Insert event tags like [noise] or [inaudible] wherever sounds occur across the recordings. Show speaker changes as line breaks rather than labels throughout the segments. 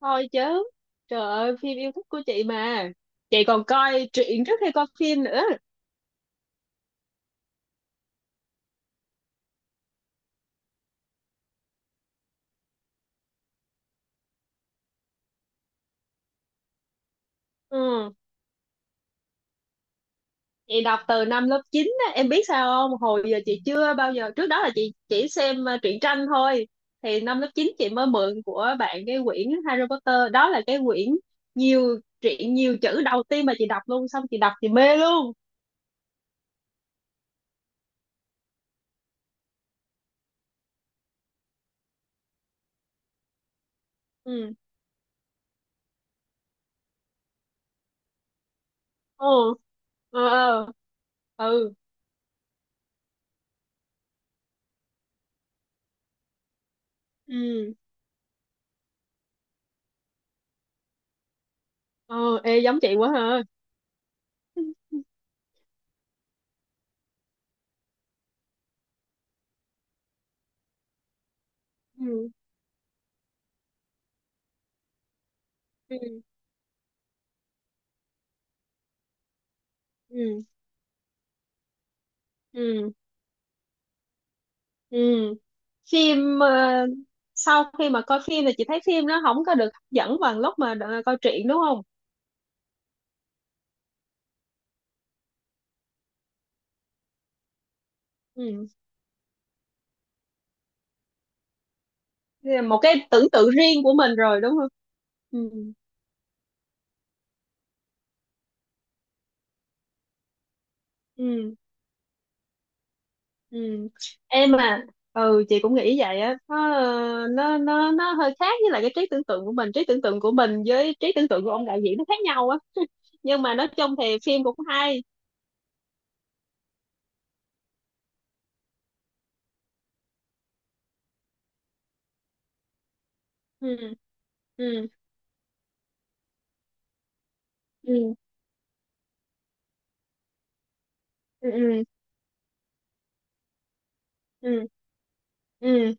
Thôi chứ! Trời ơi, phim yêu thích của chị mà. Chị còn coi truyện trước khi coi phim nữa. Ừ. Chị đọc từ năm lớp 9 á, em biết sao không, hồi giờ chị chưa bao giờ, trước đó là chị chỉ xem truyện tranh thôi. Thì năm lớp 9 chị mới mượn của bạn cái quyển Harry Potter, đó là cái quyển nhiều truyện nhiều chữ đầu tiên mà chị đọc luôn. Xong chị đọc chị mê luôn. Ừ. Ừ. Ừ. Ừ. Ừ. Ừ, ừ. Ê, giống chị quá ha. [laughs] Ừ. Ừ. Ừ. Ừ. Ừ. phim ờ, Sau khi mà coi phim thì chị thấy phim nó không có được hấp dẫn bằng lúc mà coi truyện đúng không? Ừ. Thế là một cái tưởng tượng riêng của mình rồi đúng không? Ừ. Ừ. Ừ. Em mà... Ừ, chị cũng nghĩ vậy á, nó hơi khác với lại cái trí tưởng tượng của mình, trí tưởng tượng của mình với trí tưởng tượng của ông đạo diễn nó khác nhau á. [laughs] Nhưng mà nói chung thì phim cũng hay. Ừ. Ừ. Ừ. Ừ. Ừ. Ừ. Ừ.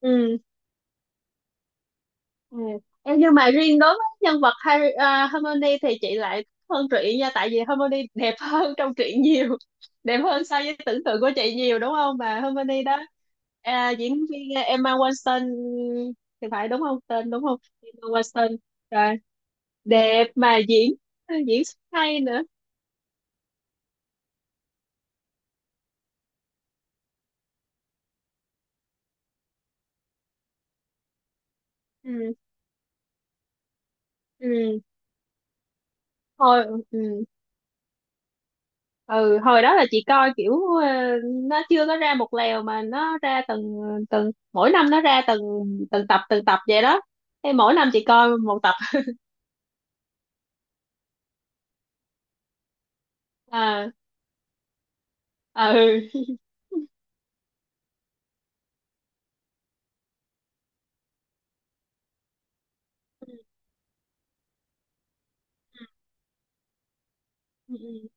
Ừ. Ừ. Em, nhưng mà riêng đối với nhân vật Harry, à, Hermione thì chị lại thích hơn truyện nha, tại vì Hermione đẹp [laughs] hơn trong truyện nhiều, đẹp hơn so với tưởng tượng của chị nhiều đúng không, mà Hermione đó, à, diễn viên Emma Watson thì phải, đúng không tên, đúng không? Emma Watson, rồi, đẹp mà diễn diễn xuất hay nữa. Ừ. Ừ. Thôi. Ừ. Ừ, hồi đó là chị coi kiểu ờ, nó chưa có ra một lèo, mà nó ra từng từng mỗi năm, nó ra từng từng tập, từng tập vậy đó, thế mỗi năm chị coi một tập. À. Ừ. Ừ.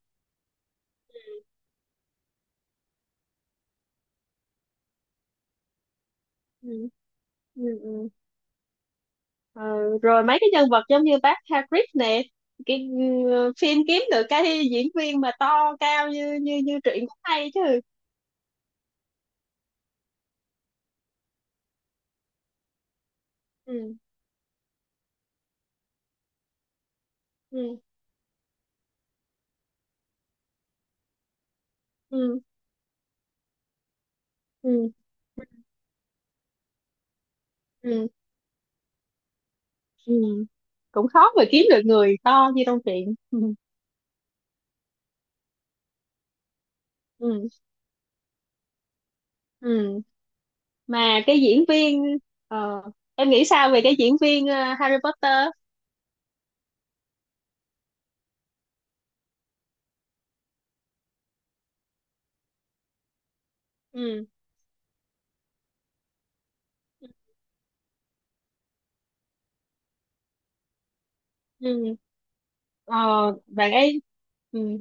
Ừ. Ừ. Ừ. Ờ, rồi mấy cái nhân vật giống như bác Hagrid nè, cái phim kiếm được cái diễn viên mà to cao như như như truyện cũng hay chứ. Ừ. Ừ. Ừ. Ừ. Ừ. Ừ, cũng khó mà kiếm được người to như trong truyện. [laughs] Ừ. Ừ. Ừ. Mà cái diễn viên ờ, em nghĩ sao về cái diễn viên Harry Potter? Ừ. Ừ. ờ, Bạn ấy... Ừ.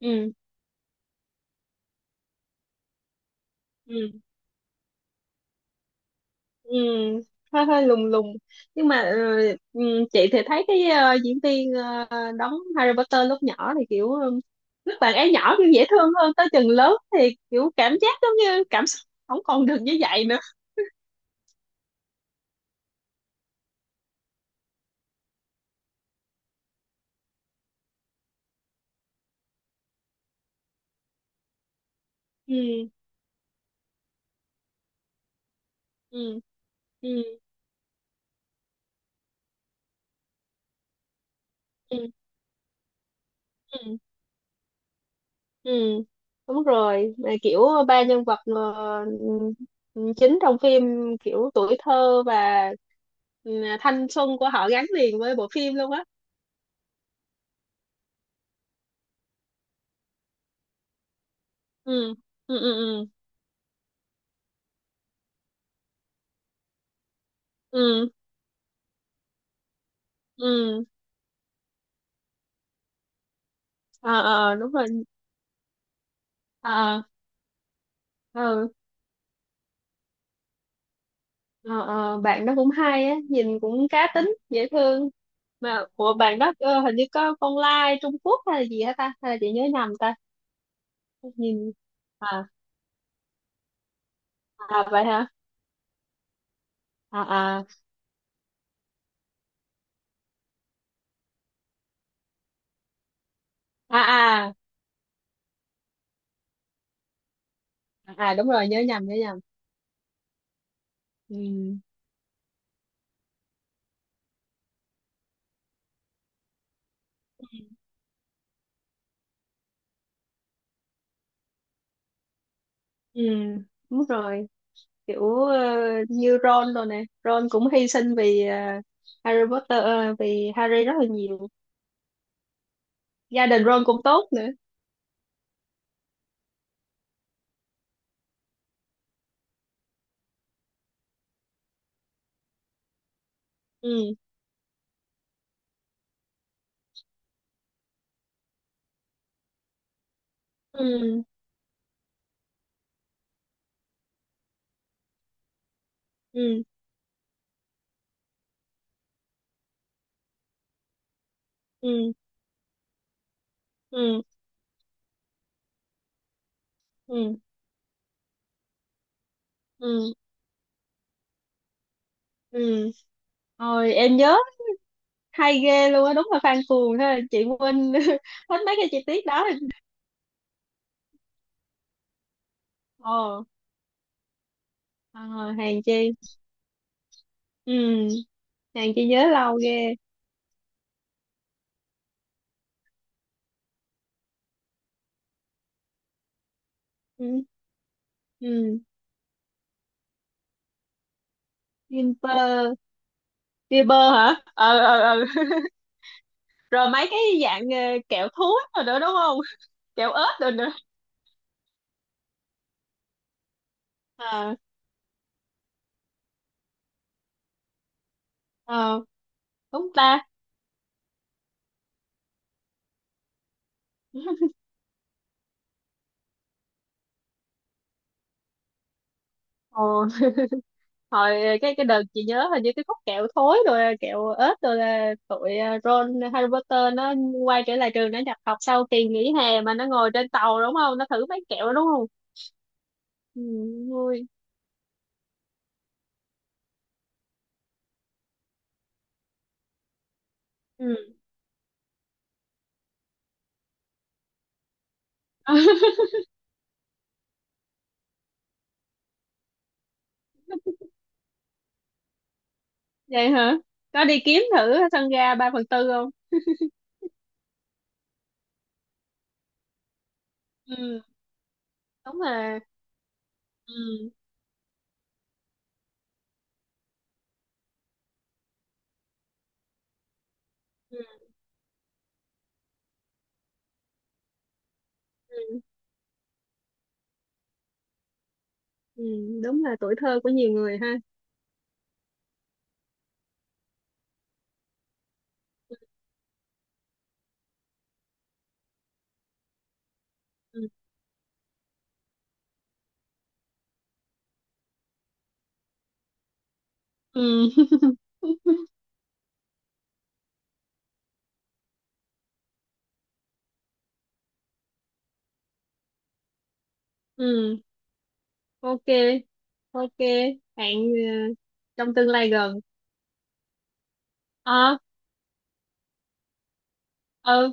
Ừ. Ừ. Ừ, hơi hơi lùng lùng, nhưng mà chị thì thấy cái diễn viên đóng Harry Potter lúc nhỏ thì kiểu lúc bạn ấy nhỏ kiểu dễ thương hơn, tới chừng lớn thì kiểu cảm giác giống như cảm xúc không còn được như vậy nữa. Ừ ừ. Ừ. Ừ. Ừ, đúng rồi. Mà kiểu ba nhân vật chính trong phim, kiểu tuổi thơ và ừ, thanh xuân của họ gắn liền với bộ phim luôn á. Ừ, ừ, ừ, ừ, ừ, ừ. Ờ, ờ, ờ, đúng rồi. Ờ, ờ, ờ, ờ, bạn đó cũng hay á, nhìn cũng cá tính, dễ thương. Mà của bạn đó hình như có con lai Trung Quốc hay là gì hả ta? Hay là chị nhớ nhầm ta? Nhìn... À, à vậy hả? À, à, à, à. À, đúng rồi, nhớ nhầm, nhớ nhầm. Ừ. Ừ, đúng rồi. Kiểu như Ron rồi nè. Ron cũng hy sinh vì Harry Potter, vì Harry rất là nhiều. Gia đình Ron cũng tốt nữa. Ừ, ừ, ừ, ừ, ừ, ừ, ừ, ừ. Rồi em nhớ hay ghê luôn á, đúng là fan cuồng ha. Chị quên [laughs] hết mấy cái chi tiết đó. Ồ. ờ, Hàng chi. Ừ, hàng chi nhớ lâu ghê. Ừ, ừ. Gimper. Fiber hả? Ờ, ờ, ờ. Rồi mấy cái dạng kẹo thúi rồi nữa đúng không? Kẹo ớt rồi nữa. Ờ, ờ, đúng ta. [laughs] Ồ, hồi cái đợt chị nhớ hình như cái khúc kẹo thối rồi kẹo ớt rồi là tụi Ron Harry Potter nó quay trở lại trường nó nhập học sau kỳ nghỉ hè mà nó ngồi trên tàu đúng không? Nó thử mấy kẹo đó đúng không? Ừ, vui. Ừ. [laughs] Vậy hả? Có đi kiếm thử sân ga 3/4 không? Ừ, đúng là... Ừ. Ừ, ừ. Ừ, đúng là tuổi thơ của nhiều người ha. Ừ, ừ. [laughs] Ừ, ok. Ok, hẹn trong tương lai gần. Ờ. Ừ,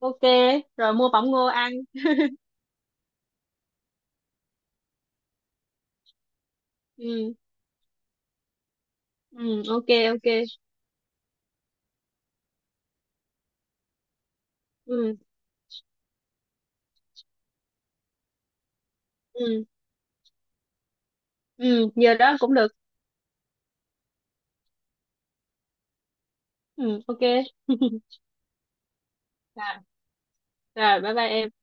ok. Rồi mua bỏng ngô ăn. Ừ, ừ, ok. Ok. Ừ, ừ, ừ, giờ đó cũng được. Ừ, ok. [laughs] Rồi, rồi bye bye em.